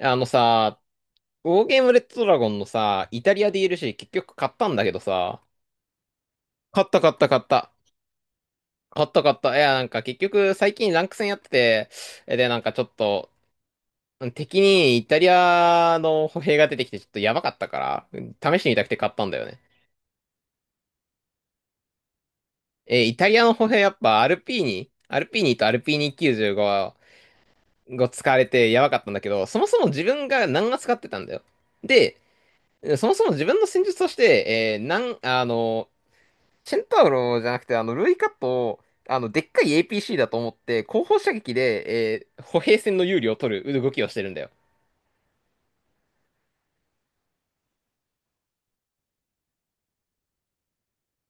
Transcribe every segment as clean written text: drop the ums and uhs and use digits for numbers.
あのさ、ウォーゲームレッドドラゴンのさ、イタリア d るし結局買ったんだけどさ、買った買った買った。買った買った。いや、なんか結局最近ランク戦やってて、で、なんかちょっと、敵にイタリアの歩兵が出てきてちょっとやばかったから、試してみたくて買ったんだよね。え、イタリアの歩兵やっぱアルピーニとアルピーニ95が使われてやばかったんだけど、そもそも自分が何が使ってたんだよ。で、そもそも自分の戦術として、えー、なん、あの、チェンタウロじゃなくて、ルイカと、でっかい APC だと思って、後方射撃で、歩兵戦の有利を取る動きをしてるんだよ。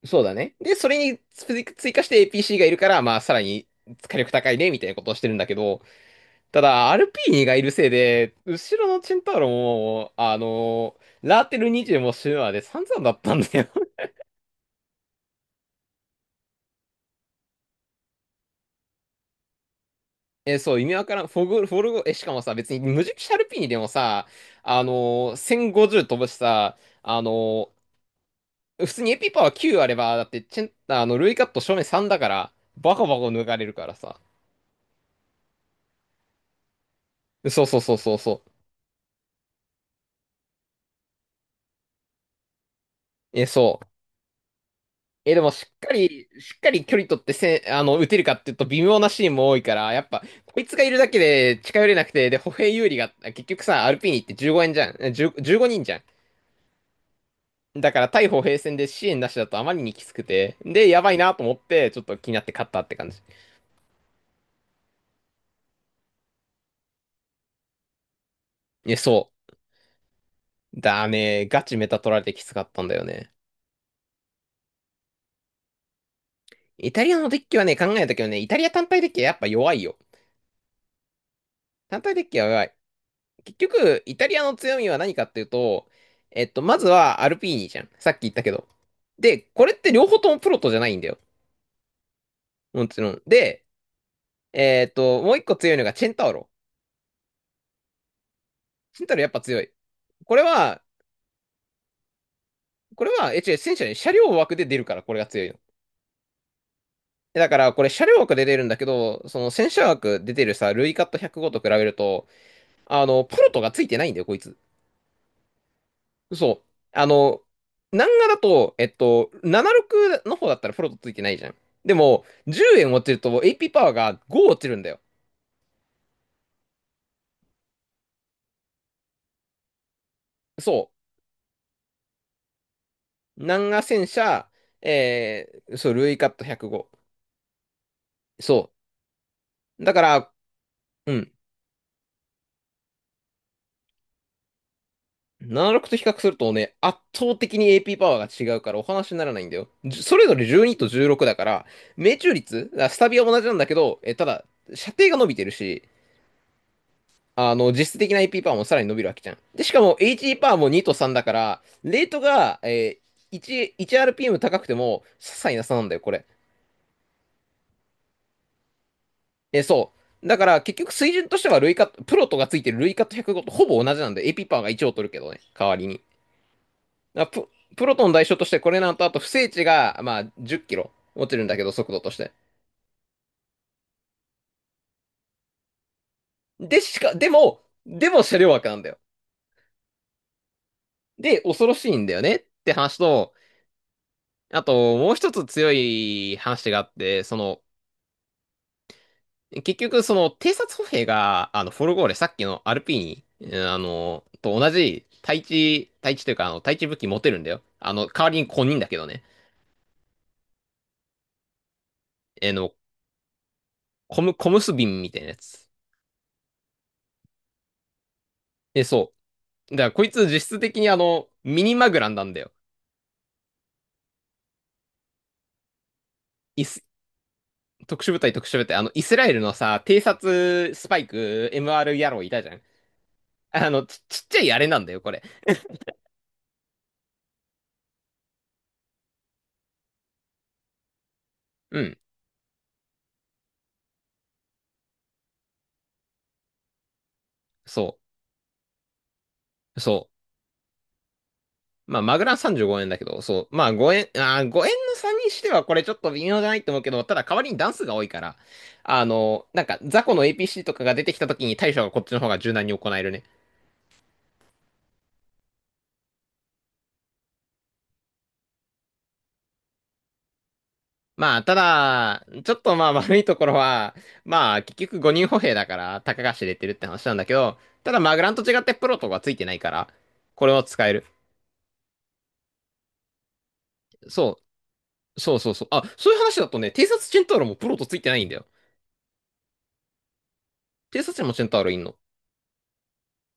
そうだね。で、それに追加して APC がいるから、まあ、さらに火力高いね、みたいなことをしてるんだけど、ただ、アルピーニがいるせいで、後ろのチェンタウロも、ラーテル20もシュまで散々だったんだよ。えそう、意味わからん。フォルゴ、え、しかもさ、別に無敵シャルピーニでもさ、1050飛ぶしさ、あの普通にエピパワー9あれば、だってチェン、あの、ルイカット正面3だから、バコバコ抜かれるからさ。そうそうそうそうそう。え、そう。え、でもしっかり距離取ってせあの、打てるかっていうと微妙なシーンも多いから、やっぱ、こいつがいるだけで近寄れなくて、で、歩兵有利が、結局さ、アルピーニって15円じゃん。1 5人じゅうごにんじゃん。だから、対歩兵戦で支援なしだとあまりにきつくて、で、やばいなと思って、ちょっと気になって勝ったって感じ。え、そう。だね、ガチメタ取られてきつかったんだよね。イタリアのデッキはね、考えたけどね、イタリア単体デッキはやっぱ弱いよ。単体デッキは弱い。結局、イタリアの強みは何かっていうと、まずはアルピーニじゃん。さっき言ったけど。で、これって両方ともプロトじゃないんだよ。もちろん。で、もう一個強いのがチェンタウロ。チェンタウロやっぱ強い。これは、これは、え、違う、戦車ね、車両枠で出るから、これが強いの。だから、これ車両枠で出るんだけど、その戦車枠で出てるさ、ルイカット105と比べると、プロトがついてないんだよ、こいつ。そう。南画だと、76の方だったらフロットついてないじゃん。でも、10円落ちると AP パワーが5落ちるんだよ。そう。南画戦車、そう、ルイカット105。そう。だから、うん。76と比較するとね、圧倒的に AP パワーが違うからお話にならないんだよ。それぞれ12と16だから、命中率、スタビは同じなんだけど、え、ただ、射程が伸びてるし、実質的な AP パワーもさらに伸びるわけじゃん。で、しかも h ーパワーも2と3だから、レートが、ー、1、r p m 高くても、些細な差なんだよ、これ。そう。だから、結局水準としては、ルイカット、プロトがついてるルイカット105とほぼ同じなんで、AP パワーが1を取るけどね、代わりに。だからプロトの代償として、これなんと、あと、不正値が、まあ、10キロ落ちるんだけど、速度として。で、しか、でも、でも車両枠なんだよ。で、恐ろしいんだよねって話と、あと、もう一つ強い話があって、結局、偵察歩兵が、フォルゴーレ、さっきのアールピーに、うんと同じ、対地というか、対地武器持てるんだよ。代わりに小人だけどね。えの、コム、コムスビンみたいなやつ。え、そう。だから、こいつ実質的にミニマグランなんだよ。イス、特殊部隊、特殊部隊。イスラエルのさ、偵察スパイク、MR 野郎いたじゃん。ちっちゃいあれなんだよ、これ。うん。そう。そう。まあ、マグラ35円だけど、そう。まあ、5円、円の差にしてはこれちょっと微妙じゃないと思うけど、ただ代わりに段数が多いから、なんか、雑魚の APC とかが出てきた時に対処がこっちの方が柔軟に行えるね。まあ、ただ、ちょっとまあ悪いところは、まあ、結局5人歩兵だから、たかが知れてるって話なんだけど、ただマグランと違ってプロとかついてないから、これは使える。そそうそうそう。あ、そういう話だとね、偵察チェンターロもプロとついてないんだよ。偵察にもチェンターロいんの。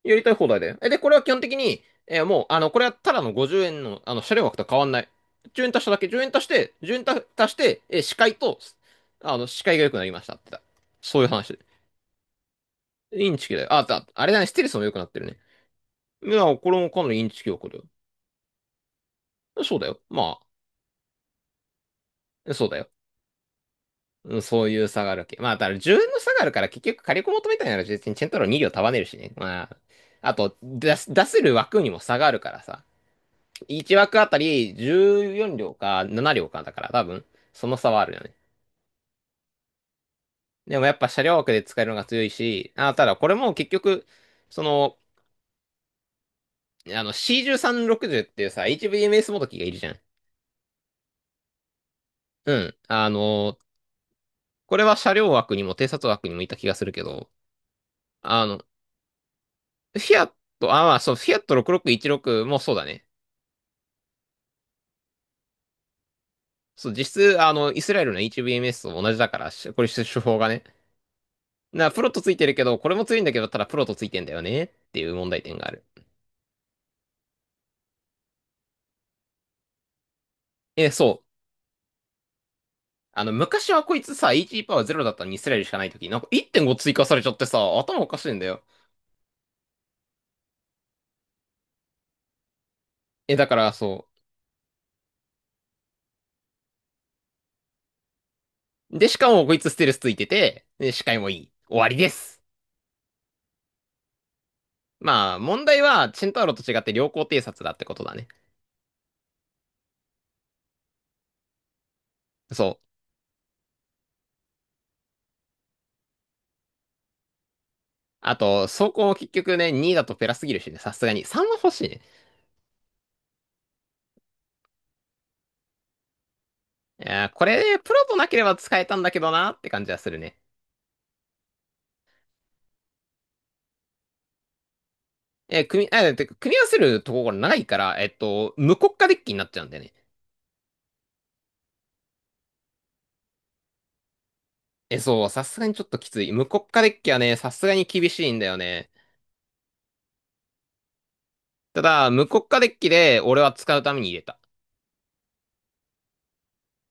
やりたい放題で。え、で、これは基本的に、えーもう、あの、これはただの50円の、車両枠と変わんない。10円足しただけ、10円足して、1円足して、視界と、視界が良くなりましたってだ。そういう話。インチキだよ。あ、あれだね、ステルスも良くなってるね。いや、これもかなりインチキ起こるよ。そうだよ。まあ、そうだよ。うん、そういう差があるわけ。まあ、だから10円の差があるから結局火力求めたいなら別にチェントロ2両束ねるしね。まあ、あと、出せる枠にも差があるからさ。1枠あたり14両か7両かだから多分その差はあるよね。でもやっぱ車両枠で使えるのが強いし、あ、ただこれも結局、その、C1360 っていうさ、HVMS もどきがいるじゃん。うん。これは車両枠にも偵察枠にもいた気がするけど、あの、フィアット、あ、まあそう、フィアット6616もそうだね。そう、実質、イスラエルの HVMS と同じだから、これ手法がね。プロットついてるけど、これも強いんだけど、ただプロットついてんだよねっていう問題点がある。そう。昔はこいつさ、AG パワーゼロだったのにイスラエルしかないとき、なんか1.5追加されちゃってさ、頭おかしいんだよ。え、だからそう。で、しかもこいつステルスついてて、で、視界もいい。終わりです。まあ、問題は、チェンタウロと違って良好偵察だってことだね。そう。あと、走行も結局ね、2だとペラすぎるしね、さすがに。3は欲しいね。いやーこれね、プロとなければ使えたんだけどなって感じはするね。えー組み、あ、てか組み合わせるところが長いから、無国家デッキになっちゃうんだよね。え、そう、さすがにちょっときつい。無国家デッキはね、さすがに厳しいんだよね。ただ、無国家デッキで俺は使うために入れた。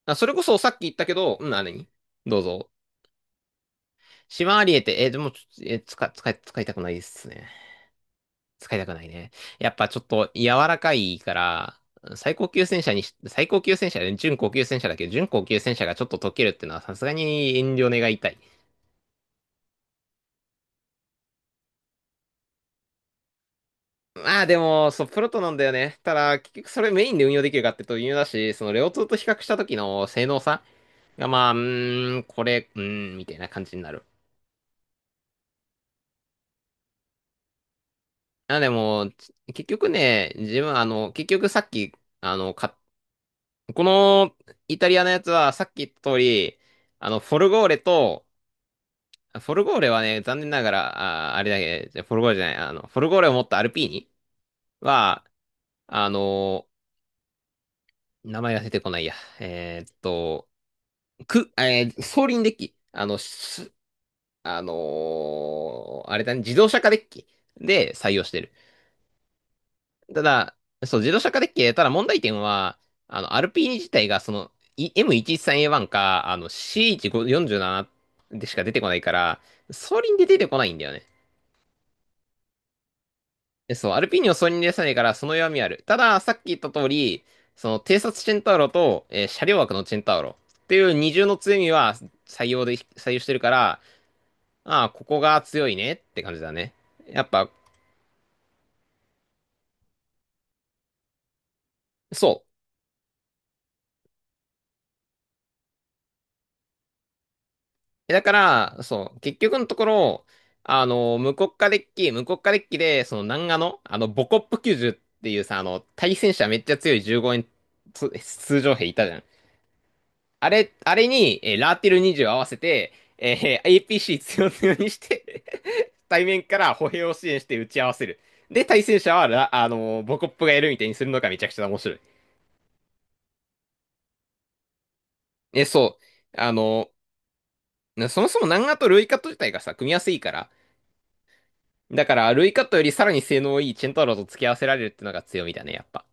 あ、それこそさっき言ったけど、うん、あ、何どうぞ。シマアリエて、でもちょ、え、使いたくないですね。使いたくないね。やっぱちょっと柔らかいから、最高級戦車で、準高級戦車だけど、準高級戦車がちょっと溶けるってのはさすがに遠慮願いたい。まあでも、そう、プロトなんだよね。ただ、結局それメインで運用できるかっていうと微妙だし、そのレオ2と比較した時の性能差が、まあ、これ、みたいな感じになる。あ、でも、結局ね、自分、あの、結局さっき、あの、か、このイタリアのやつはさっき言った通り、フォルゴーレと、フォルゴーレはね、残念ながら、あ、あれだけ、じゃフォルゴーレじゃない、フォルゴーレを持ったアルピーニは、あの名前が出てこないや。えーっと、く、えー、総輪デッキ。あの、す、あのーあれだね、自動車化デッキで採用してる。ただ、そう、自動車化デッキ、ただ問題点は、アルピーニ自体が、その、M113A1 か、C1547 でしか出てこないから、総輪で出てこないんだよね。そう、アルピーニを総任でさないから、その弱みある。ただ、さっき言った通り、その、偵察チェンタウロと、車両枠のチェンタウロっていう二重の強みは採用してるから、ああ、ここが強いねって感じだね。やっぱ、そう。だから、そう、結局のところ、無国家デッキで、その、南アの、ボコップ90っていうさ、対戦車めっちゃ強い15円つ通常兵いたじゃん。あれに、ラーティル20を合わせて、APC 強強にして 対面から歩兵を支援して打ち合わせる。で、対戦者はラ、あのーボコップがやるみたいにするのがめちゃくちゃ面白い。え、そう。あのそもそも南アとルイカット自体がさ、組み合わせいいから。だから、ルイカットよりさらに性能いいチェンタロウと付き合わせられるってのが強みだね、やっぱ。